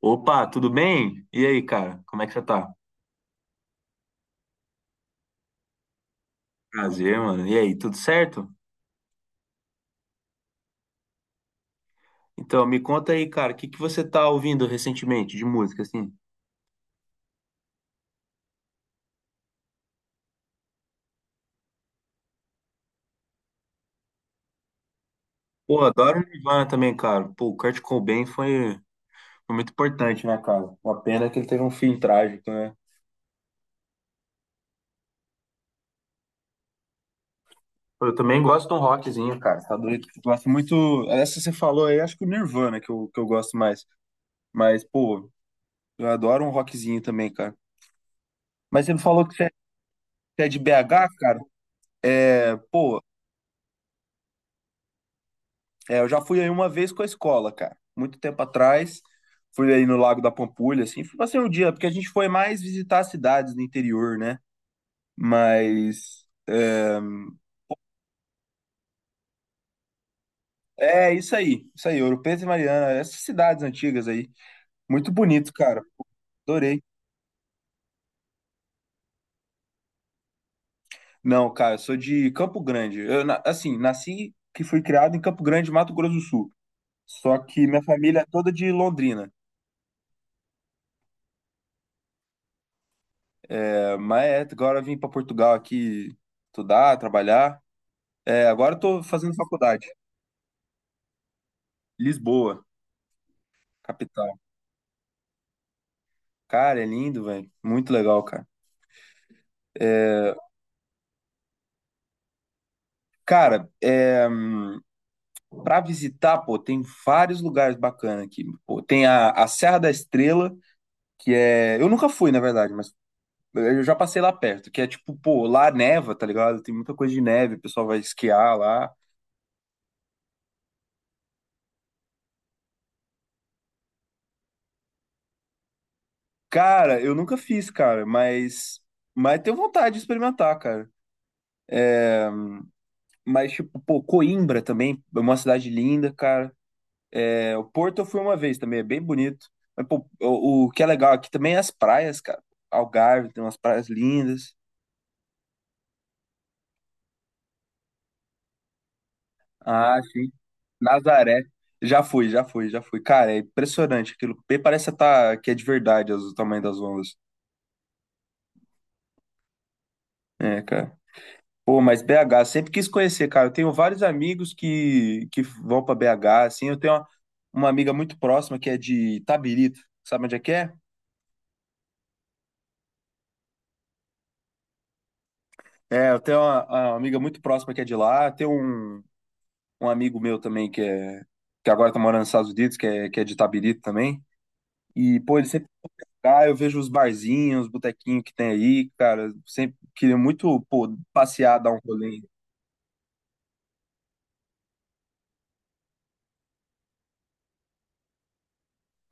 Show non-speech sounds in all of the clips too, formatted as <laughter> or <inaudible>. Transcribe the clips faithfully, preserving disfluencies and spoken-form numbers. Opa, tudo bem? E aí, cara? Como é que você tá? Prazer, mano. E aí, tudo certo? Então, me conta aí, cara, o que que você tá ouvindo recentemente de música, assim? Pô, adoro Nirvana também, cara. Pô, o Kurt Cobain foi, foi muito importante, né, cara? Uma pena que ele teve um fim trágico, né? Pô, eu também gosto de um rockzinho, cara. Tá doido? Eu gosto muito. Essa que você falou aí, acho que o Nirvana que eu, que eu gosto mais. Mas, pô, eu adoro um rockzinho também, cara. Mas você me falou que você é você é de B H, cara? É, eu já fui aí uma vez com a escola, cara. Muito tempo atrás. Fui aí no Lago da Pampulha, assim. Fui passei um dia, porque a gente foi mais visitar as cidades do interior, né? Mas. É, é isso aí. Isso aí, Ouro Preto e Mariana. Essas cidades antigas aí. Muito bonito, cara. Adorei. Não, cara, eu sou de Campo Grande. Eu, na- assim, nasci que fui criado em Campo Grande, Mato Grosso do Sul. Só que minha família é toda de Londrina. É, mas agora eu vim para Portugal aqui estudar, trabalhar. É, agora eu tô fazendo faculdade. Lisboa, capital. Cara, é lindo, velho. Muito legal, cara. Cara, é, para visitar, pô, tem vários lugares bacanas aqui. Pô, tem a, a Serra da Estrela, que é. Eu nunca fui, na verdade, mas eu já passei lá perto, que é tipo, pô, lá neva, tá ligado? Tem muita coisa de neve, o pessoal vai esquiar lá. Cara, eu nunca fiz, cara, mas. Mas tenho vontade de experimentar, cara. Mas, tipo, pô, Coimbra também, é uma cidade linda, cara. É, o Porto eu fui uma vez também, é bem bonito. Mas, pô, o, o que é legal aqui também é as praias, cara. Algarve tem umas praias lindas. Ah, sim. Nazaré. Já fui, já fui, já fui. Cara, é impressionante aquilo. Bem, parece que, tá, que é de verdade as- o tamanho das ondas. É, cara. Pô, mas B H, sempre quis conhecer, cara. Eu tenho vários amigos que, que vão pra B H, assim. Eu tenho uma, uma amiga muito próxima que é de Itabirito. Sabe onde é que é? É, eu tenho uma, uma amiga muito próxima que é de lá. Tem um, um amigo meu também que é que agora tá morando nos Estados Unidos, que é, que é de Itabirito também. E, pô, ele sempre ah, eu vejo os barzinhos, os botequinhos que tem aí, cara. Sempre queria muito, pô, passear, dar um rolê,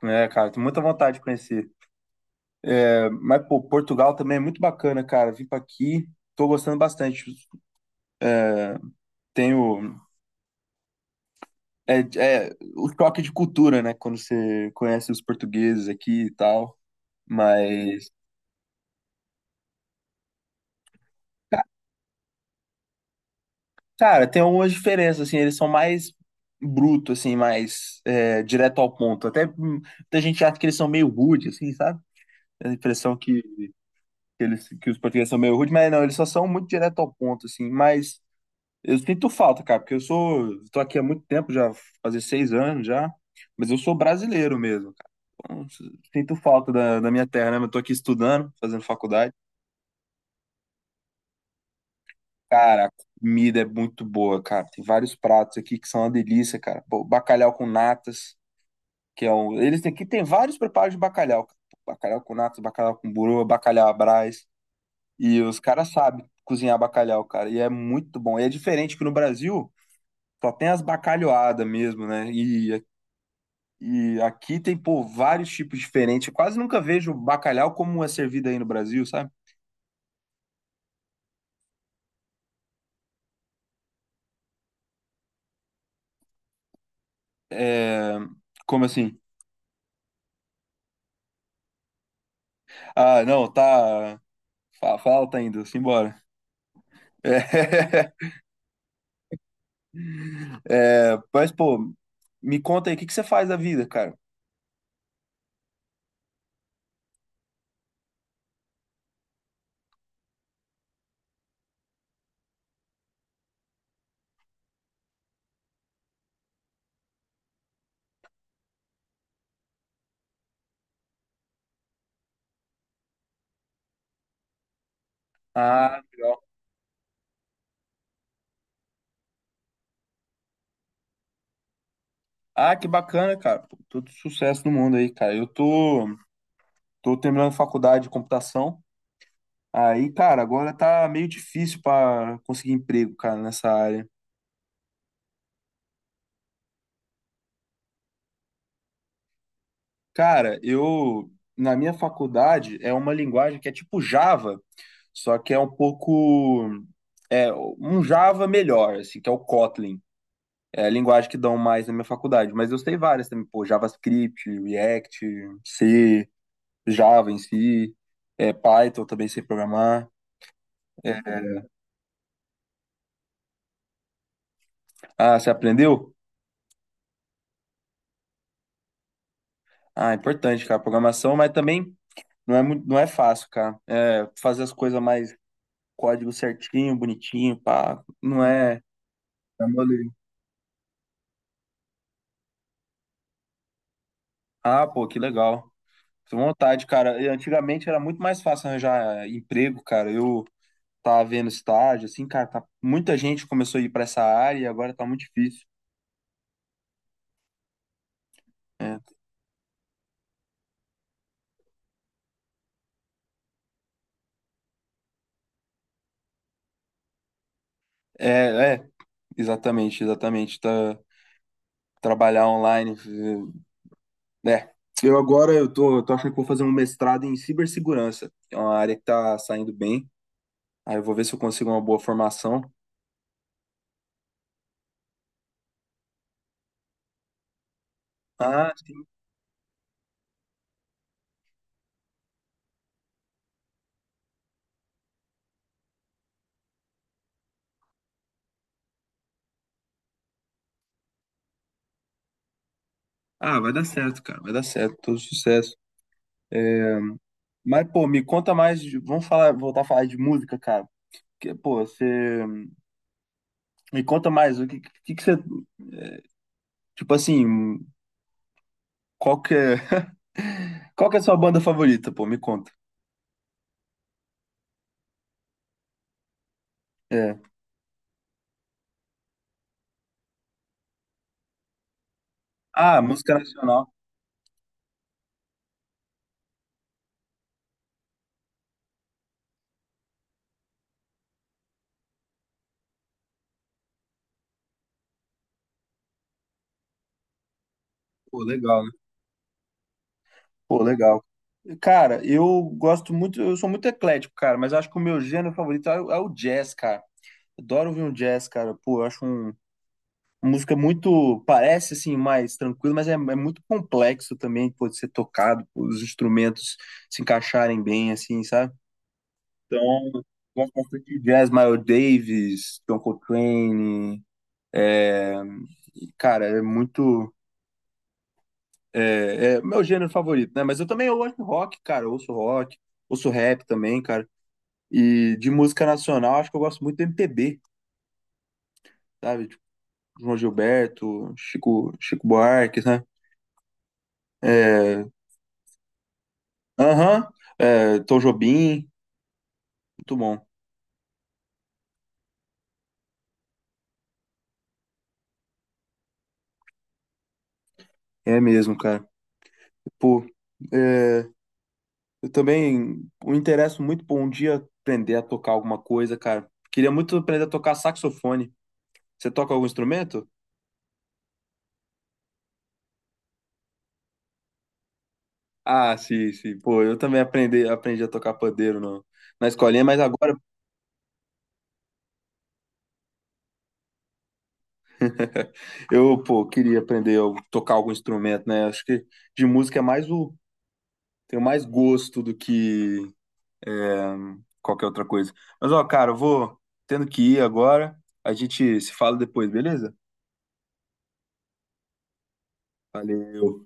né, cara? Tenho muita vontade de conhecer. É, mas, pô, Portugal também é muito bacana, cara. Vim pra aqui, tô gostando bastante. Tenho. É, é o choque de cultura, né? Quando você conhece os portugueses aqui e tal. Mas. Cara, tem algumas diferenças, assim, eles são mais bruto, assim, mais é, direto ao ponto. Até hum, muita gente acha que eles são meio rude, assim, sabe? A impressão que, que eles, que os portugueses são meio rude, mas não, eles só são muito direto ao ponto, assim. Mas eu sinto falta, cara, porque eu sou, tô aqui há muito tempo, já fazer seis anos já, mas eu sou brasileiro mesmo, cara. Então, sinto falta da, da minha terra, né? Eu tô aqui estudando, fazendo faculdade. Cara, a comida é muito boa, cara. Tem vários pratos aqui que são uma delícia, cara. Pô, bacalhau com natas, que é um. Eles têm aqui tem vários preparos de bacalhau, cara. Bacalhau com natas, bacalhau com burô, bacalhau à Brás. E os caras sabem cozinhar bacalhau, cara. E é muito bom. E é diferente que no Brasil só tem as bacalhoadas mesmo, né? E, e aqui tem, pô, vários tipos diferentes. Eu quase nunca vejo bacalhau como é servido aí no Brasil, sabe? É... Como assim? Ah, não, tá. fa- Falta ainda, simbora. É, <laughs> é, mas, pô, me conta aí, o que que você faz da vida, cara? Ah, legal. Ah, que bacana, cara. Pô, todo sucesso no mundo aí, cara. Eu tô, tô terminando faculdade de computação. Aí, cara, agora tá meio difícil para conseguir emprego, cara, nessa área. Cara, eu, na minha faculdade, é uma linguagem que é tipo Java, só que é um pouco, é, um Java melhor, assim, que é o Kotlin. É, linguagem que dão mais na minha faculdade, mas eu sei várias também, pô, JavaScript, React, C, Java em si, é, Python também sei programar. É. Ah, você aprendeu? Ah, importante, cara, programação, mas também não é muito, não é fácil, cara. É, fazer as coisas mais código certinho, bonitinho, pá, não é. É mole. Ah, pô, que legal. Tô com vontade, cara. E antigamente era muito mais fácil arranjar é, emprego, cara. Eu tá havendo estágio, assim, cara, tá, muita gente começou a ir para essa área e agora tá muito difícil. Né? É, é, exatamente, exatamente. Tá, trabalhar online. eh, É. Eu agora eu tô, eu tô achando que vou fazer um mestrado em cibersegurança, que é uma área que tá saindo bem. Aí eu vou ver se eu consigo uma boa formação. Ah, sim. Ah, vai dar certo, cara. Vai dar certo, todo sucesso. É, mas, pô, me conta mais. De- vamos falar, voltar a falar de música, cara. Porque, pô, você. Me conta mais. O que, que, que você. Tipo assim, qual que é, <laughs> qual que é a sua banda favorita, pô? Me conta. É. Ah, música nacional. Pô, legal, né? Pô, legal. Cara, eu gosto muito, eu sou muito eclético, cara, mas eu acho que o meu gênero favorito é, o é o jazz, cara. Adoro ouvir um jazz, cara. Pô, eu acho um- uma música muito, parece assim, mais tranquila, mas é, é muito complexo também, pode ser tocado, pô, os instrumentos se encaixarem bem, assim, sabe? Então, gosto bastante de jazz, Miles Davis, John Coltrane, é, E, cara, é muito. É, é meu gênero favorito, né? Mas eu também eu gosto de rock, cara. Eu ouço rock, ouço rap também, cara. E de música nacional, acho que eu gosto muito do M P B, sabe? Tipo, João Gilberto, Chico, Chico Buarque, né? É, aham, é, Tom Jobim, muito bom. É mesmo, cara. Pô, é, eu também me interesso muito por um dia aprender a tocar alguma coisa, cara. Queria muito aprender a tocar saxofone. Você toca algum instrumento? Ah, sim, sim. Pô, eu também aprendi, aprendi a tocar pandeiro no, na escolinha, mas agora <laughs> eu, pô, queria aprender a tocar algum instrumento, né? Acho que de música é mais o. Tenho mais gosto do que é, qualquer outra coisa. Mas, ó, cara, eu vou tendo que ir agora. A gente se fala depois, beleza? Valeu.